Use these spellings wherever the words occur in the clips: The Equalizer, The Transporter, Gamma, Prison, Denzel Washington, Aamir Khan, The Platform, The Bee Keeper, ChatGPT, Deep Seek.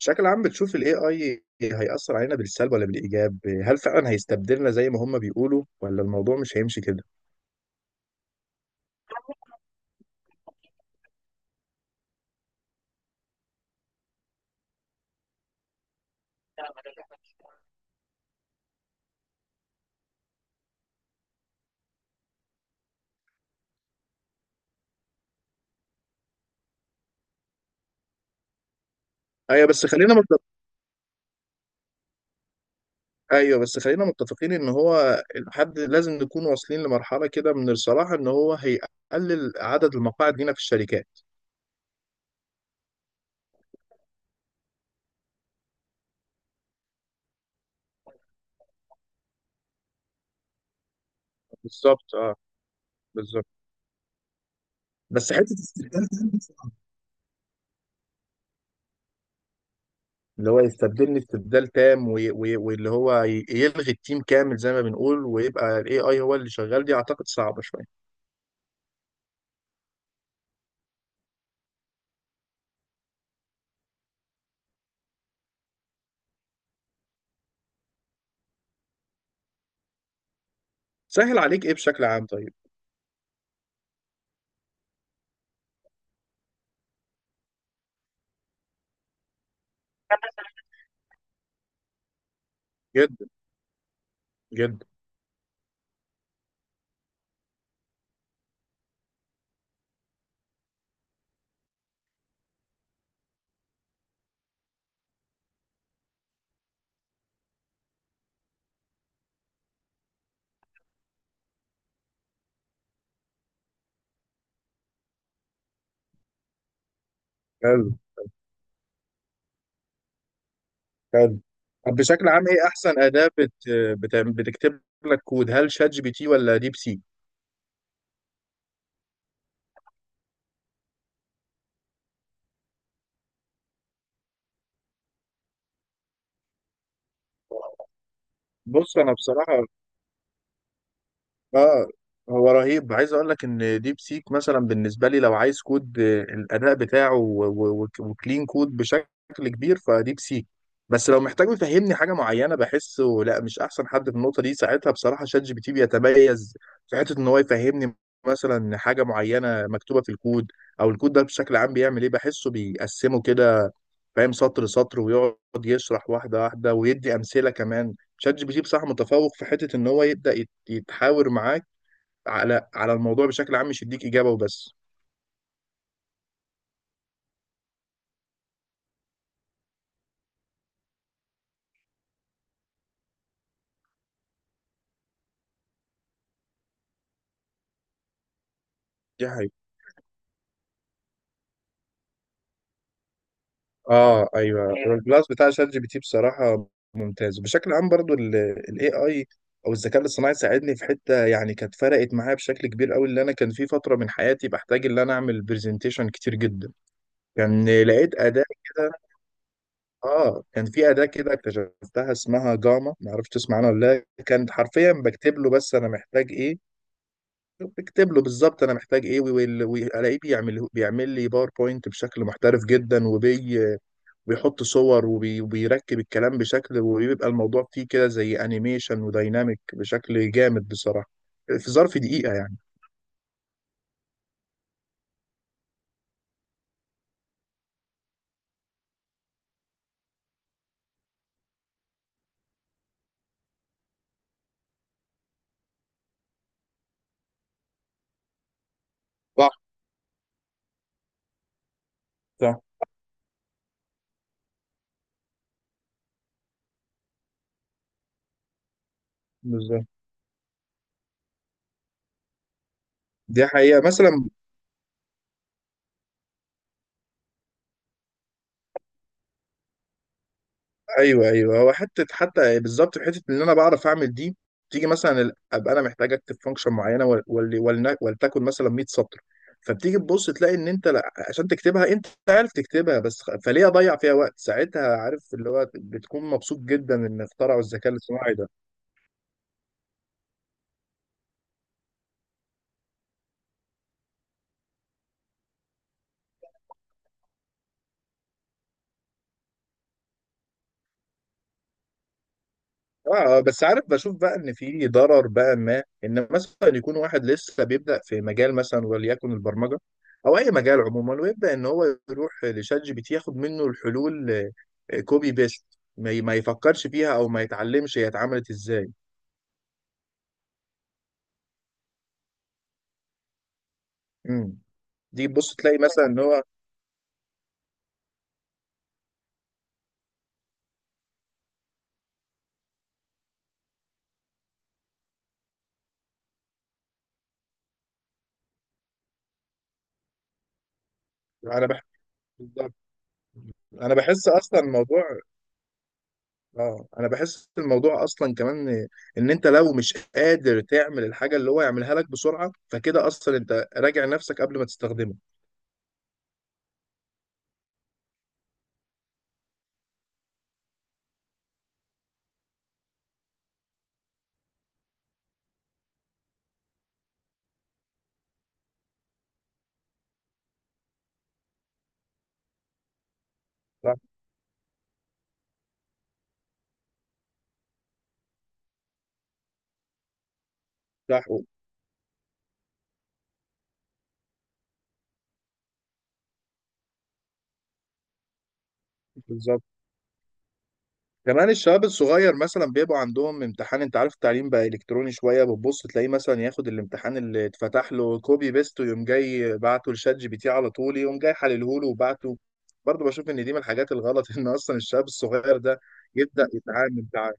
بشكل عام بتشوف ال AI هيأثر علينا بالسلب ولا بالإيجاب؟ هل فعلا هيستبدلنا زي ما هم بيقولوا ولا الموضوع مش هيمشي كده؟ أيوه بس خلينا متفق... أيوه بس خلينا متفقين إن هو الحد لازم نكون واصلين لمرحلة كده من الصراحة إن هو هيقلل عدد المقاعد لينا في الشركات. بالظبط، أه، بالظبط. بس حتة استبدال تام دي بصراحة، اللي هو يستبدلني استبدال تام وي... وي... واللي هو يلغي التيم كامل زي ما بنقول ويبقى ال AI هو اللي شغال دي أعتقد صعبة شوية. سهل عليك إيه بشكل عام طيب؟ جدا. جدا. حلو. حلو. طب بشكل عام ايه احسن اداة بتكتب لك كود، هل شات جي بي تي ولا ديب سيك؟ بص انا بصراحة، اه، هو رهيب. عايز اقول لك ان ديب سيك مثلا بالنسبه لي لو عايز كود، الاداء بتاعه و- و- وك- وكلين كود بشكل كبير فديب سيك. بس لو محتاج يفهمني حاجه معينه بحسه لا، مش احسن حد في النقطه دي. ساعتها بصراحه شات جي بي تي بيتميز في حته ان هو يفهمني مثلا حاجه معينه مكتوبه في الكود، او الكود ده بشكل عام بيعمل ايه. بحسه بيقسمه كده، فاهم سطر سطر ويقعد يشرح واحده واحده ويدي امثله. كمان شات جي بي تي بصراحه متفوق في حته ان هو يبدا يتحاور معاك على على الموضوع بشكل عام، مش يديك اجابه وبس. دي حقيقة. اه، ايوه البلاس بتاع شات جي بي تي بصراحه ممتاز. بشكل عام برضو الاي اي او الذكاء الاصطناعي ساعدني في حته يعني كانت فرقت معايا بشكل كبير قوي. اللي انا كان في فتره من حياتي بحتاج ان انا اعمل برزنتيشن كتير جدا، يعني لقيت اداه كده. اه، كان في اداه كده اكتشفتها اسمها جاما، ما اعرفش تسمع عنها ولا لا. كانت حرفيا بكتب له بس انا محتاج ايه، بكتب له بالظبط انا محتاج ايه وال- والاقيه بيعمل لي باوربوينت بشكل محترف جدا، وبي بيحط صور وبي- وبيركب الكلام بشكل، وبيبقى الموضوع فيه كده زي انيميشن وديناميك بشكل جامد بصراحة، في ظرف دقيقة يعني. صح. صح. بالظبط. دي حقيقة. مثلا ايوه ايوه، هو حته حتى بالظبط في حته ان انا بعرف اعمل دي. تيجي مثلا ابقى انا محتاج اكتب فانكشن معينه وال- وال- ولن- ولتكن مثلا 100 سطر. فبتيجي تبص تلاقي ان انت لا، عشان تكتبها انت عارف تكتبها، بس فليه اضيع فيها وقت؟ ساعتها عارف اللي هو بتكون مبسوط جدا ان اخترعوا الذكاء الاصطناعي ده. اه، بس عارف بشوف بقى ان في ضرر بقى، ما ان مثلا يكون واحد لسه بيبدا في مجال مثلا وليكن البرمجه او اي مجال عموما، ويبدا ان هو يروح لشات جي بي تي ياخد منه الحلول، كوبي بيست، ما يفكرش فيها او ما يتعلمش هي اتعملت ازاي. امم دي بص تلاقي مثلا ان هو انا بح... بالظبط. انا بحس اصلا الموضوع، اه، انا بحس الموضوع اصلا كمان ان إن انت لو مش قادر تعمل الحاجه اللي هو يعملها لك بسرعه، فكده اصلا انت راجع نفسك قبل ما تستخدمه. صح. بالظبط. كمان الشباب الصغير مثلا بيبقوا عندهم امتحان، انت عارف التعليم بقى الكتروني شويه، بتبص تلاقيه مثلا ياخد الامتحان اللي اتفتح له كوبي بيست ويقوم جاي بعته لشات جي بي تي على طول، يقوم جاي حلله له وبعته. برضه بشوف ان دي من الحاجات الغلط ان اصلا الشاب الصغير ده يبدا يتعامل معاه.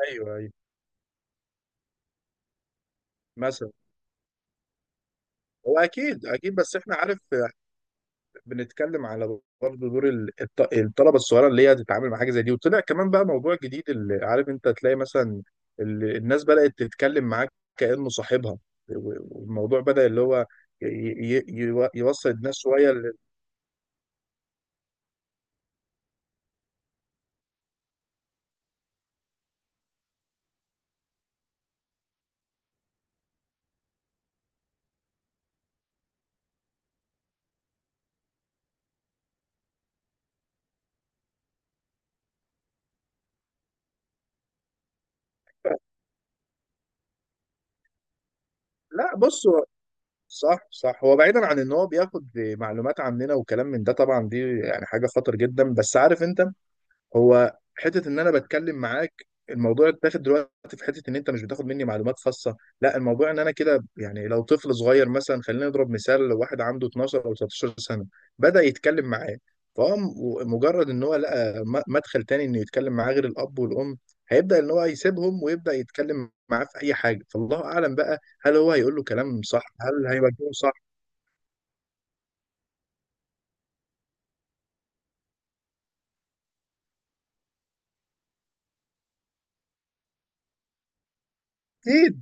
ايوه، ايوه، مثلا هو اكيد اكيد، بس احنا عارف بنتكلم على برضه دور الطلبه الصغيره اللي هي تتعامل مع حاجه زي دي. وطلع كمان بقى موضوع جديد، اللي عارف انت تلاقي مثلا الناس بدات تتكلم معاك كانه صاحبها، و- والموضوع بدا اللي هو ي- يوصل الناس شويه لا بص صح، صح. هو بعيدا عن ان هو بياخد معلومات عننا وكلام من ده، طبعا دي يعني حاجه خطر جدا، بس عارف انت، هو حته ان انا بتكلم معاك الموضوع اتاخد دلوقتي في حته ان انت مش بتاخد مني معلومات خاصه لا، الموضوع ان انا كده يعني لو طفل صغير مثلا، خلينا نضرب مثال، لو واحد عنده 12 او 13 سنه بدا يتكلم معاه، فهو مجرد ان هو لقى مدخل تاني انه يتكلم معاه غير الاب والام هيبدا ان هو يسيبهم ويبدا يتكلم معاه في اي حاجه. فالله اعلم بقى، هل هو هيقول له كلام صح؟ هل هيوجهه صح؟ اكيد.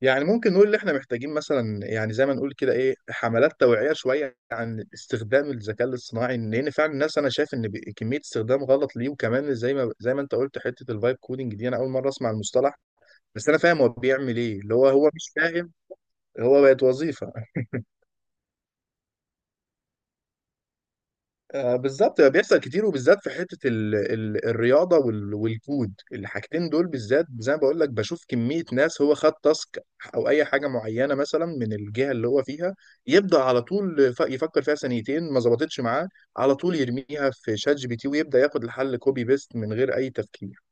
يعني ممكن نقول ان احنا محتاجين مثلا، يعني زي ما نقول كده، ايه، حملات توعية شوية عن استخدام الذكاء الاصطناعي، لان فعلا الناس انا شايف ان كمية استخدام غلط ليه. وكمان زي ما انت قلت حتة الفايب كودنج دي انا اول مرة اسمع المصطلح، بس انا فاهم هو بيعمل ايه، اللي هو مش فاهم هو بقت وظيفة. بالظبط، بيحصل كتير وبالذات في حته ال ال الرياضه والكود، الحاجتين دول بالذات زي ما بقول لك. بشوف كميه ناس هو خد تاسك او اي حاجه معينه مثلا من الجهه اللي هو فيها، يبدا على طول يفكر فيها ثانيتين ما ظبطتش معاه، على طول يرميها في شات جي بي تي ويبدا ياخد الحل كوبي بيست من غير اي تفكير.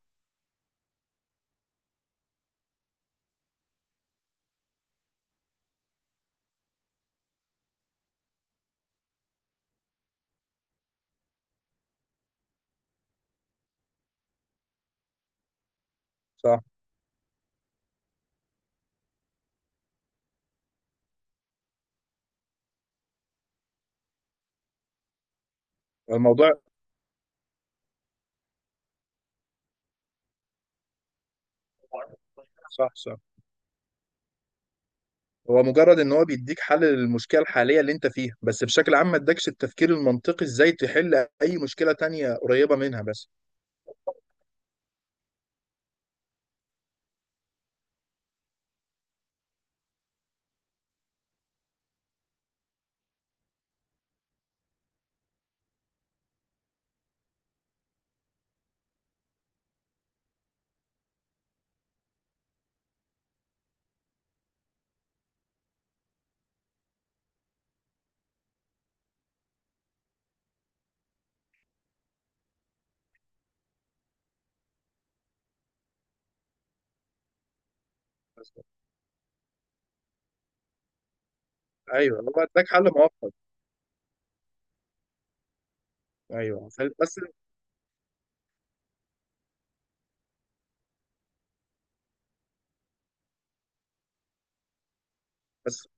صح، الموضوع صح. صح. هو مجرد ان هو بيديك حل للمشكله الحاليه اللي انت فيها، بس بشكل عام ما ادكش التفكير المنطقي ازاي تحل اي مشكله تانية قريبه منها. بس ايوه، هو اداك حل مؤقت. ايوه، بس، بس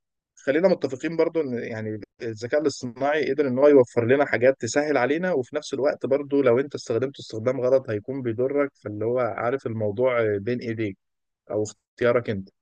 خلينا متفقين برضو ان يعني الذكاء الاصطناعي قدر ان هو يوفر لنا حاجات تسهل علينا، وفي نفس الوقت برضو لو انت استخدمته استخدام غلط هيكون بيضرك. فاللي هو عارف الموضوع بين ايديك او اختيارك انت.